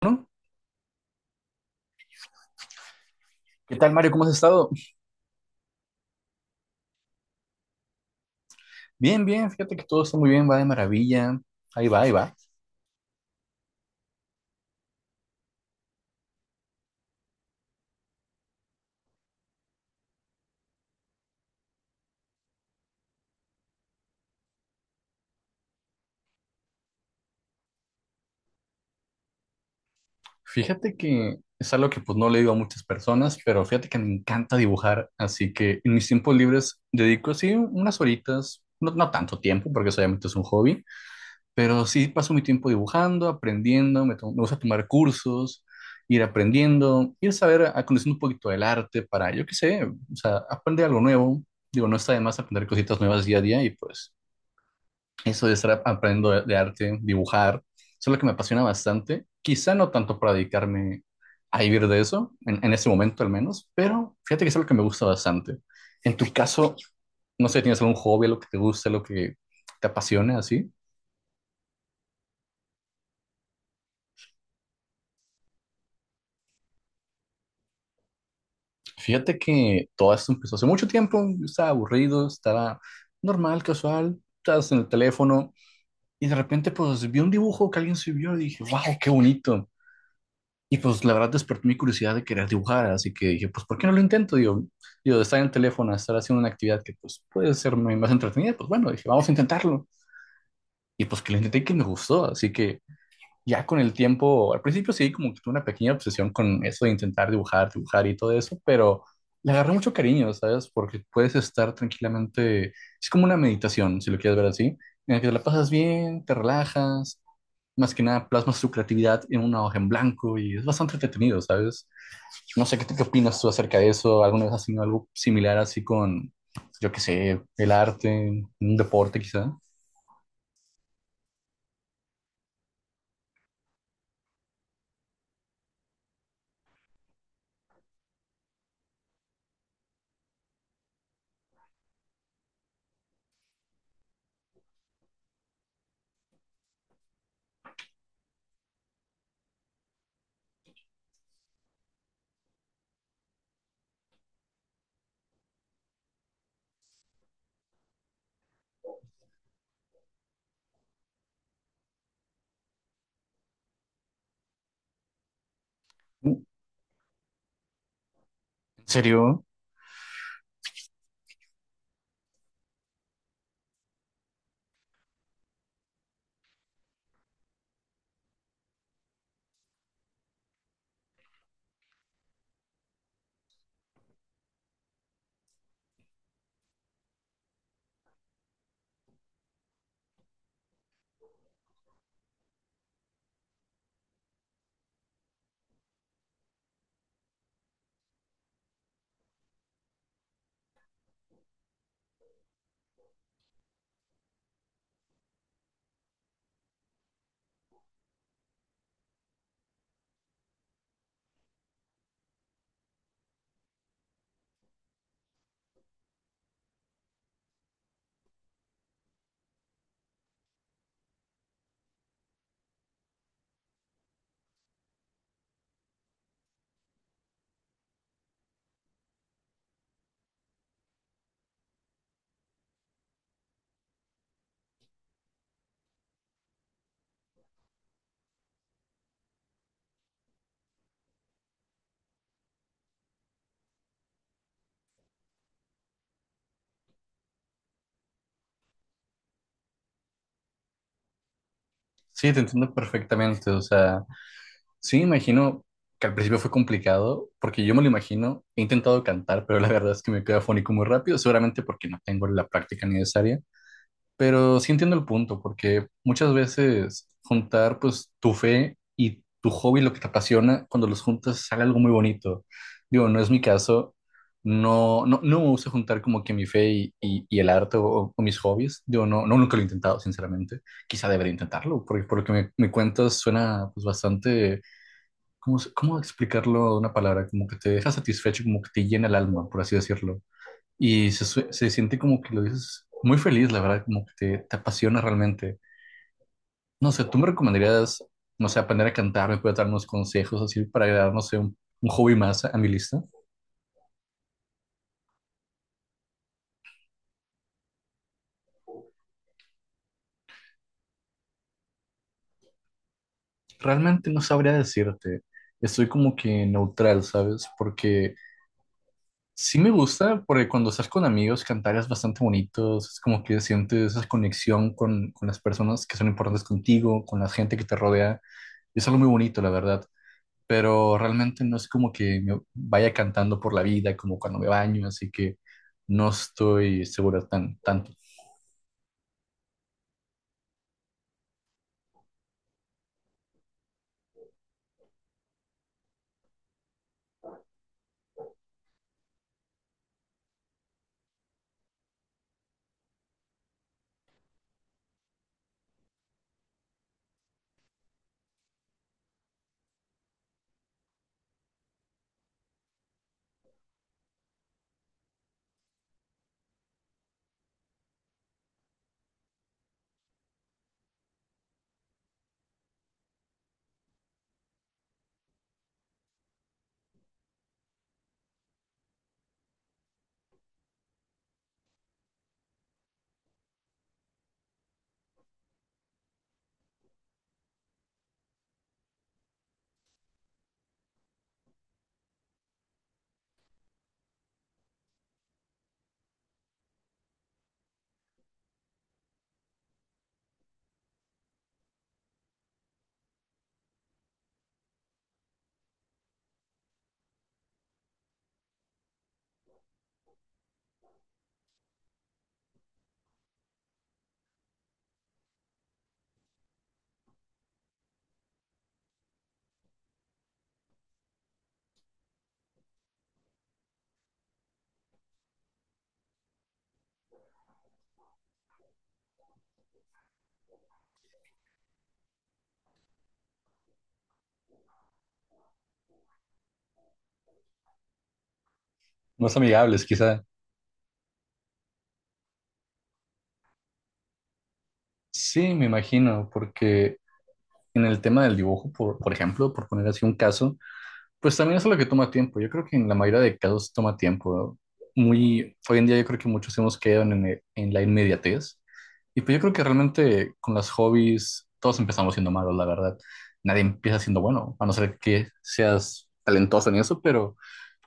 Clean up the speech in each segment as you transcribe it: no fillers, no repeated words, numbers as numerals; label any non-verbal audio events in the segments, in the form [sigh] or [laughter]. Bueno, ¿qué tal, Mario? ¿Cómo has estado? Bien, bien, fíjate que todo está muy bien, va de maravilla. Ahí va, ahí va. Fíjate que es algo que pues no le digo a muchas personas, pero fíjate que me encanta dibujar, así que en mis tiempos libres dedico así unas horitas, no, no tanto tiempo, porque eso obviamente es un hobby, pero sí paso mi tiempo dibujando, aprendiendo, me gusta tomar cursos, ir aprendiendo, ir a saber, a conocer un poquito del arte para, yo qué sé, o sea, aprender algo nuevo. Digo, no está de más aprender cositas nuevas día a día y pues... Eso de estar aprendiendo de arte, dibujar, eso es lo que me apasiona bastante. Quizá no tanto para dedicarme a vivir de eso, en este momento al menos, pero fíjate que eso es lo que me gusta bastante. En tu caso, no sé, ¿tienes algún hobby, lo que te guste, lo que te apasione así? Fíjate que todo esto empezó hace mucho tiempo, yo estaba aburrido, estaba normal, casual, estabas en el teléfono y de repente pues vi un dibujo que alguien subió y dije, wow, qué bonito. Y pues la verdad despertó mi curiosidad de querer dibujar, así que dije, pues ¿por qué no lo intento? Digo, de estar en el teléfono, a estar haciendo una actividad que pues puede ser muy más entretenida, pues bueno, dije, vamos a intentarlo. Y pues que lo intenté y que me gustó, así que ya con el tiempo, al principio sí, como que tuve una pequeña obsesión con eso de intentar dibujar, dibujar y todo eso, pero le agarré mucho cariño, ¿sabes? Porque puedes estar tranquilamente, es como una meditación, si lo quieres ver así, en la que te la pasas bien, te relajas, más que nada plasmas tu creatividad en una hoja en blanco y es bastante entretenido, ¿sabes? No sé qué opinas tú acerca de eso, ¿alguna vez has tenido algo similar así con, yo qué sé, el arte, un deporte quizá? ¿En serio? Sí, te entiendo perfectamente, o sea... Sí, me imagino que al principio fue complicado, porque yo me lo imagino, he intentado cantar, pero la verdad es que me quedo afónico muy rápido, seguramente porque no tengo la práctica necesaria, pero sí entiendo el punto, porque muchas veces juntar pues tu fe y tu hobby, lo que te apasiona, cuando los juntas sale algo muy bonito. Digo, no es mi caso, no, no, no me gusta juntar como que mi fe y el arte o mis hobbies, digo, no, no, nunca lo he intentado, sinceramente, quizá debería intentarlo, porque por lo que me cuentas suena pues bastante. ¿Cómo, cómo explicarlo de una palabra? Como que te deja satisfecho, como que te llena el alma, por así decirlo. Se siente como que lo dices muy feliz, la verdad, como que te apasiona realmente. No sé, ¿tú me recomendarías, no sé, aprender a cantar? ¿Me puedes dar unos consejos así para agregar, no sé, un hobby más a mi lista? Realmente no sabría decirte. Estoy como que neutral, ¿sabes? Porque sí me gusta, porque cuando estás con amigos cantar es bastante bonito, es como que sientes esa conexión con las personas que son importantes contigo, con la gente que te rodea, y es algo muy bonito, la verdad, pero realmente no es como que me vaya cantando por la vida, como cuando me baño, así que no estoy seguro tanto. Más amigables, quizá. Sí, me imagino, porque en el tema del dibujo, por ejemplo, por poner así un caso, pues también eso es lo que toma tiempo. Yo creo que en la mayoría de casos toma tiempo. Muy, hoy en día yo creo que muchos hemos quedado en la inmediatez. Y pues yo creo que realmente con las hobbies todos empezamos siendo malos, la verdad. Nadie empieza siendo bueno, a no ser que seas talentoso en eso, pero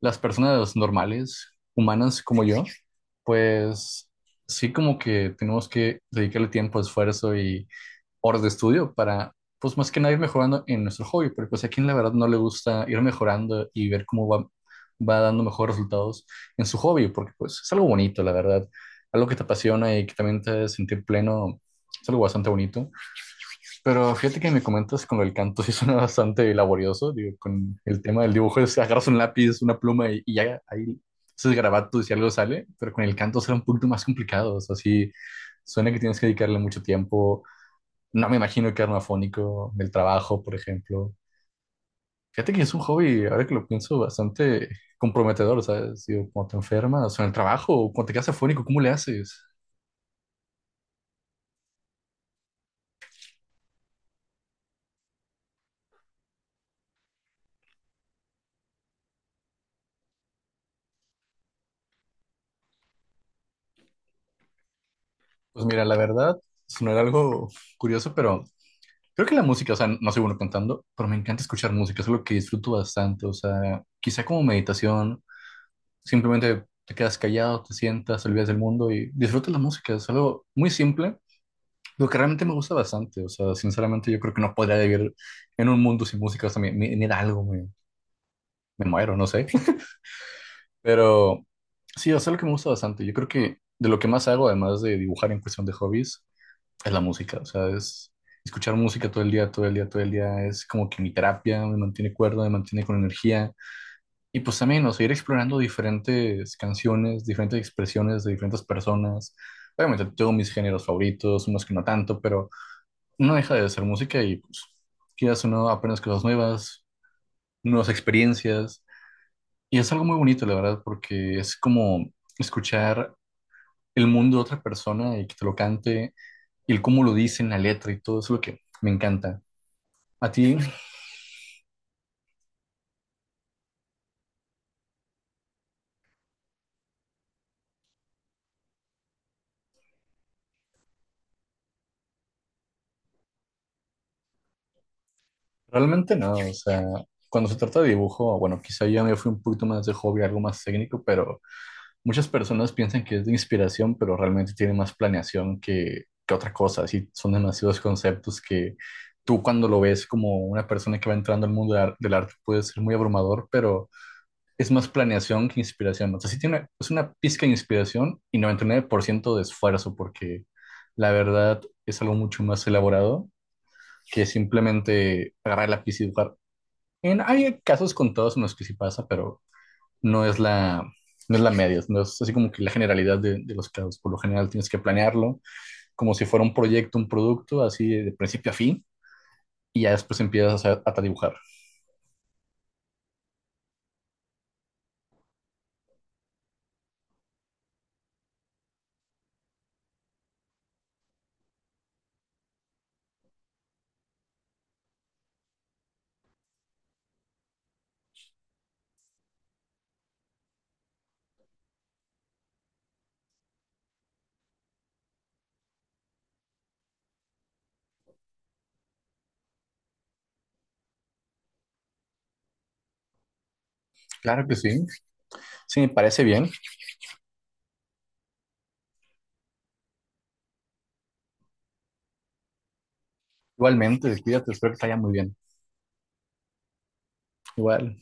las personas normales, humanas como yo, pues sí, como que tenemos que dedicarle tiempo, esfuerzo y horas de estudio para, pues más que nada ir mejorando en nuestro hobby, pero pues a quien la verdad no le gusta ir mejorando y ver cómo va, va dando mejores resultados en su hobby, porque pues es algo bonito, la verdad, algo que te apasiona y que también te hace sentir pleno, es algo bastante bonito. Pero fíjate que me comentas con el canto, [laughs] sí suena bastante laborioso, digo, con el tema del dibujo, es agarras un lápiz, una pluma y ya ahí haces garabatos y algo sale, pero con el canto será un poquito más complicado, o sea, sí, suena que tienes que dedicarle mucho tiempo, no me imagino quedarme afónico del trabajo, por ejemplo. Fíjate que es un hobby, ahora que lo pienso, bastante comprometedor, ¿sabes? Digo, cuando te enfermas, o en el trabajo, o cuando te quedas afónico, ¿cómo le haces? Pues mira, la verdad, si no era algo curioso, pero creo que la música, o sea, no soy bueno cantando, pero me encanta escuchar música, es algo que disfruto bastante, o sea, quizá como meditación, simplemente te quedas callado, te sientas, te olvidas del mundo y disfrutas la música, es algo muy simple. Lo que realmente me gusta bastante, o sea, sinceramente yo creo que no podría vivir en un mundo sin música, o sea, me da algo, me muero, no sé. [laughs] Pero sí, o sea, lo que me gusta bastante, yo creo que de lo que más hago, además de dibujar en cuestión de hobbies, es la música, o sea, es escuchar música todo el día, todo el día, todo el día, es como que mi terapia, me mantiene cuerdo, me mantiene con energía. Y pues también, o sea, ir explorando diferentes canciones, diferentes expresiones de diferentes personas. Obviamente tengo mis géneros favoritos, unos que no tanto, pero no deja de ser música y pues quieras o no, aprendes cosas nuevas, nuevas experiencias. Y es algo muy bonito, la verdad, porque es como escuchar el mundo de otra persona y que te lo cante, y el cómo lo dice en la letra y todo eso es lo que me encanta. A ti, [laughs] realmente no, o sea, cuando se trata de dibujo, bueno, quizá ya me fui un poquito más de hobby, algo más técnico, pero muchas personas piensan que es de inspiración, pero realmente tiene más planeación que otra cosa. Así son demasiados conceptos que tú cuando lo ves como una persona que va entrando al mundo de del arte puede ser muy abrumador, pero es más planeación que inspiración. O sea, sí tiene es una pizca de inspiración y 99% de esfuerzo, porque la verdad es algo mucho más elaborado que simplemente agarrar el lápiz y dibujar. En, hay casos contados en los que sí pasa, pero no es la, no es la media, no es así como que la generalidad de los casos. Por lo general tienes que planearlo como si fuera un proyecto, un producto, así de principio a fin, y ya después empiezas a dibujar. Claro que sí, sí, me parece bien. Igualmente, cuídate, espero que te vaya muy bien. Igual.